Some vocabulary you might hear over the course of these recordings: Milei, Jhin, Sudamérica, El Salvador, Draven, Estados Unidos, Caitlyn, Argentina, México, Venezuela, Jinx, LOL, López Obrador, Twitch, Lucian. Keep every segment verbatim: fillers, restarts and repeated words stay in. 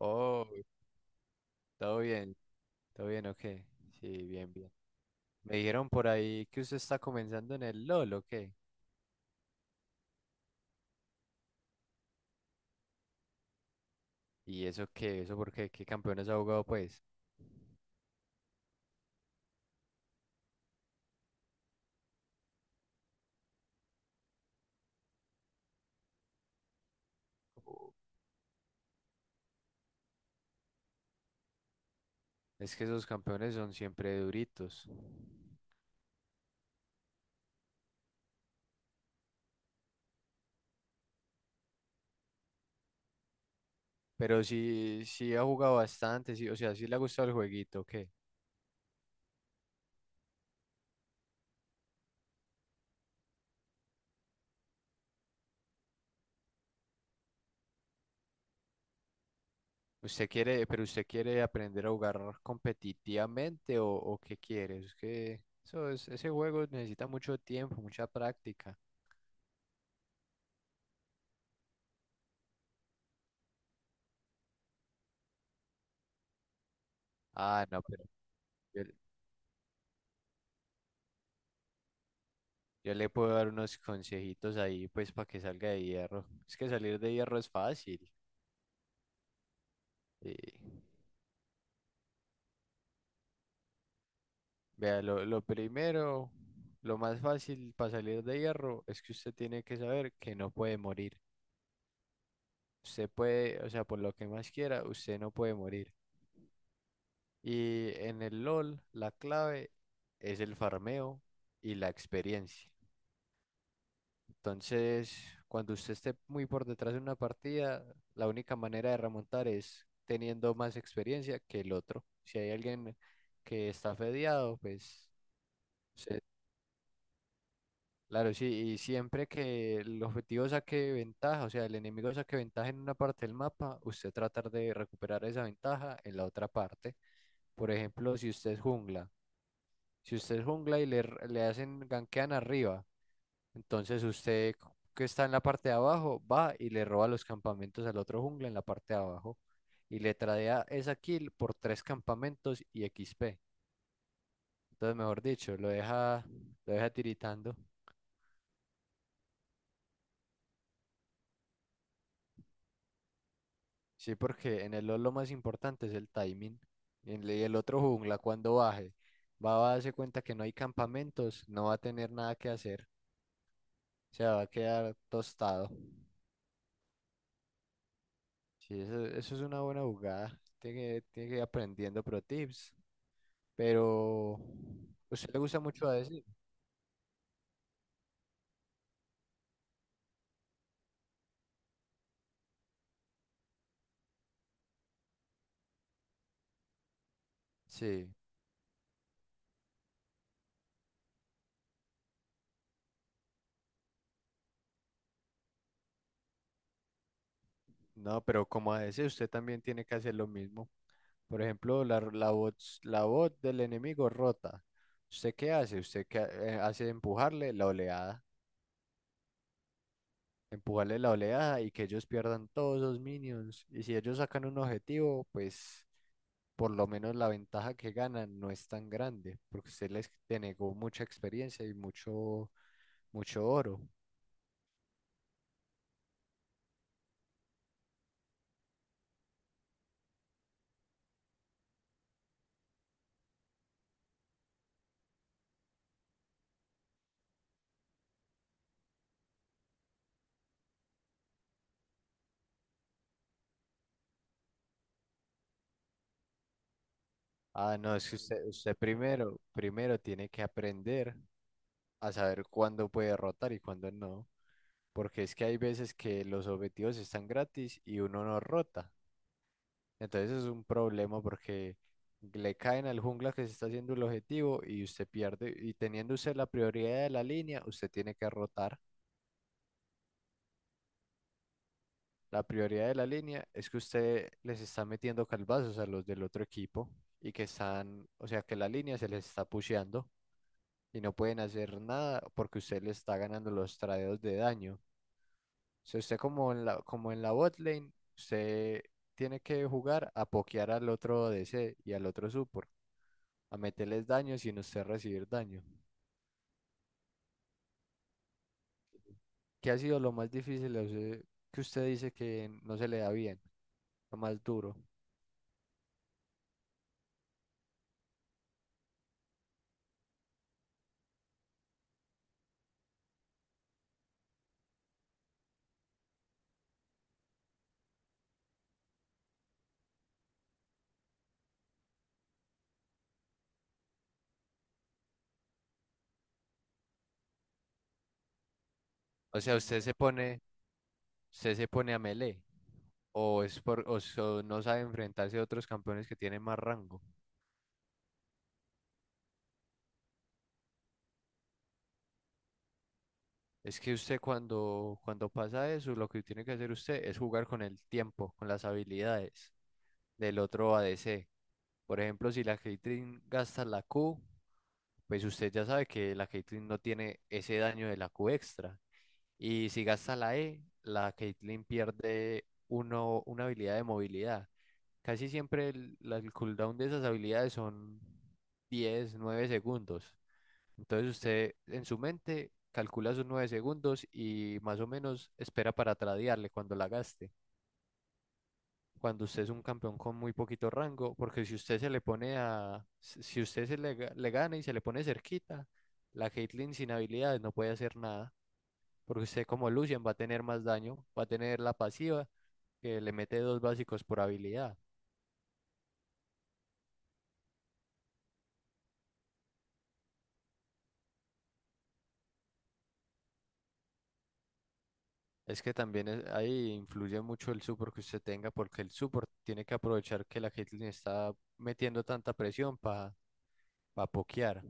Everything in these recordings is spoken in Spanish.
Oh, todo bien, todo bien, ok. Sí, bien, bien. Me dijeron por ahí que usted está comenzando en el LOL, ¿o qué? ¿Y eso qué? ¿Eso por qué? ¿Qué campeones ha jugado, pues? Oh, es que esos campeones son siempre duritos. Pero sí, sí ha jugado bastante, sí, o sea, sí le ha gustado el jueguito, ¿o qué? ¿Usted quiere, pero usted quiere aprender a jugar competitivamente o, o qué quiere? Es que eso es- ese juego necesita mucho tiempo, mucha práctica. Ah, no, pero yo, Yo le puedo dar unos consejitos ahí, pues, para que salga de hierro. Es que salir de hierro es fácil. eh, vea, lo, lo primero, lo más fácil para salir de hierro es que usted tiene que saber que no puede morir. Usted puede, o sea, por lo que más quiera, usted no puede morir. Y en el LOL, la clave es el farmeo y la experiencia. Entonces, cuando usted esté muy por detrás de una partida, la única manera de remontar es teniendo más experiencia que el otro. Si hay alguien que está fedeado, pues, se- claro, sí, y siempre que el objetivo saque ventaja, o sea, el enemigo saque ventaja en una parte del mapa, usted tratar de recuperar esa ventaja en la otra parte. Por ejemplo, si usted es jungla, si usted es jungla y le, r- le hacen gankean arriba. Entonces usted que está en la parte de abajo va y le roba los campamentos al otro jungla en la parte de abajo y le tradea esa kill por tres campamentos y equis pe. Entonces, mejor dicho, lo deja, lo deja tiritando. Sí, porque en el LoL lo más importante es el timing. Y el y el otro jungla cuando baje va a darse cuenta que no hay campamentos, no va a tener nada que hacer, se va a quedar tostado. Sí, eso, eso es una buena jugada. Tiene que, tiene que ir aprendiendo pro tips. Pero usted le gusta mucho a decir. Sí. No, pero como a veces usted también tiene que hacer lo mismo. Por ejemplo, la, la voz, la voz del enemigo rota. ¿Usted qué hace? Usted qué ha- eh, hace empujarle la oleada, empujarle la oleada y que ellos pierdan todos los minions. Y si ellos sacan un objetivo, pues por lo menos la ventaja que ganan no es tan grande, porque usted les denegó mucha experiencia y mucho, mucho oro. Ah, no, es que usted, usted primero, primero tiene que aprender a saber cuándo puede rotar y cuándo no, porque es que hay veces que los objetivos están gratis y uno no rota. Entonces es un problema porque le caen al jungla que se está haciendo el objetivo y usted pierde. Y teniendo usted la prioridad de la línea, usted tiene que rotar. La prioridad de la línea es que usted les está metiendo calvazos a los del otro equipo y que están, o sea, que la línea se les está pusheando, y no pueden hacer nada porque usted le está ganando los tradeos de daño. Si usted como en la, como en la bot lane, usted tiene que jugar a pokear al otro D C y al otro support, a meterles daño sin usted recibir daño. ¿Qué ha sido lo más difícil a usted que usted dice que no se le da bien, lo más duro? O sea, usted se pone, usted se pone a melee o es por, o so- no sabe enfrentarse a otros campeones que tienen más rango. Es que usted cuando, cuando pasa eso, lo que tiene que hacer usted es jugar con el tiempo, con las habilidades del otro A D C. Por ejemplo, si la Caitlyn gasta la Q, pues usted ya sabe que la Caitlyn no tiene ese daño de la Q extra. Y si gasta la E, la Caitlyn pierde uno, una habilidad de movilidad. Casi siempre el, la- el cooldown de esas habilidades son diez nueve segundos. Entonces usted en su mente calcula sus nueve segundos y más o menos espera para tradearle cuando la gaste. Cuando usted es un campeón con muy poquito rango, porque si usted se le pone a, si si usted se le, ga- le gana y se le pone cerquita, la Caitlyn sin habilidades no puede hacer nada, porque usted como Lucian va a tener más daño, va a tener la pasiva que le mete dos básicos por habilidad. Es que también es- ahí influye mucho el support que usted tenga, porque el support tiene que aprovechar que la Caitlyn está metiendo tanta presión para pokear.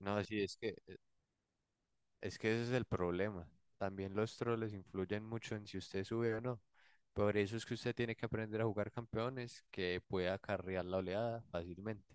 No, sí, es que, es que ese es el problema. También los troles influyen mucho en si usted sube o no. Por eso es que usted tiene que aprender a jugar campeones que pueda carrear la oleada fácilmente.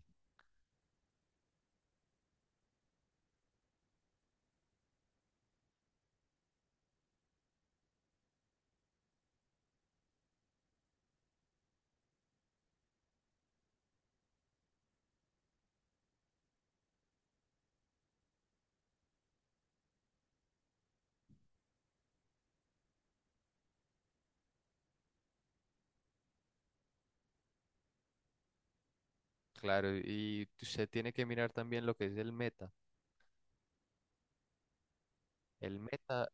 Claro, y usted tiene que mirar también lo que es el meta. El meta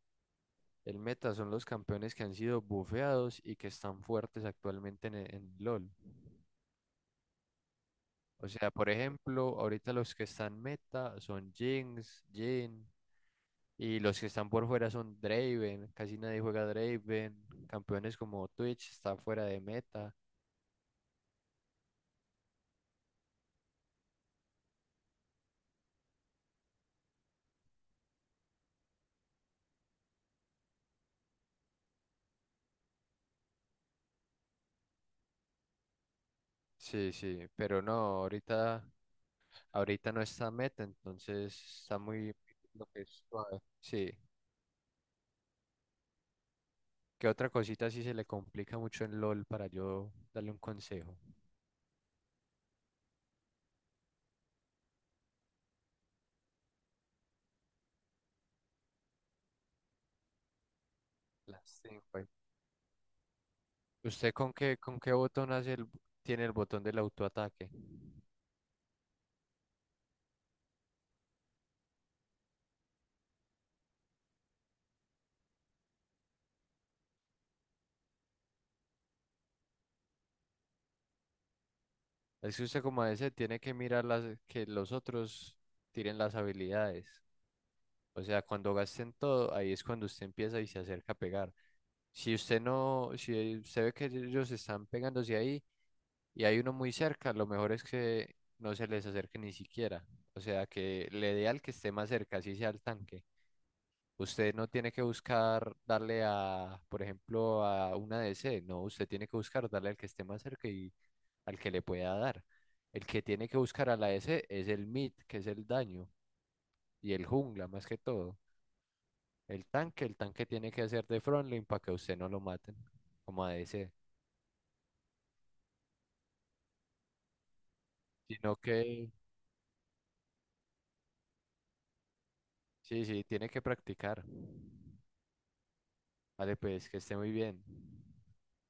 El meta son los campeones que han sido bufeados y que están fuertes actualmente en, e- en LoL. O sea, por ejemplo, ahorita los que están meta son Jinx, Jhin, y los que están por fuera son Draven. Casi nadie juega Draven. Campeones como Twitch está fuera de meta. Sí, sí, pero no, ahorita, ahorita no está meta, entonces está muy lo que es suave. Sí. ¿Qué otra cosita sí se le complica mucho en LoL para yo darle un consejo? Las teamfights. ¿Usted con qué, con qué botón hace el, tiene el botón del autoataque? Es que usted como ese tiene que mirar las, que los otros tiren las habilidades. O sea, cuando gasten todo, ahí es cuando usted empieza y se acerca a pegar. Si usted no, si usted ve que ellos están pegándose ahí y hay uno muy cerca, lo mejor es que no se les acerque ni siquiera. O sea, que le dé al que esté más cerca, así sea al tanque. Usted no tiene que buscar darle a, por ejemplo, a una D C. No, usted tiene que buscar darle al que esté más cerca y al que le pueda dar. El que tiene que buscar a la D C es el mid, que es el daño, y el jungla más que todo. El tanque, el tanque tiene que hacer de frontline para que usted no lo maten como a D C. Sino que sí, sí, tiene que practicar. Vale, pues que esté muy bien.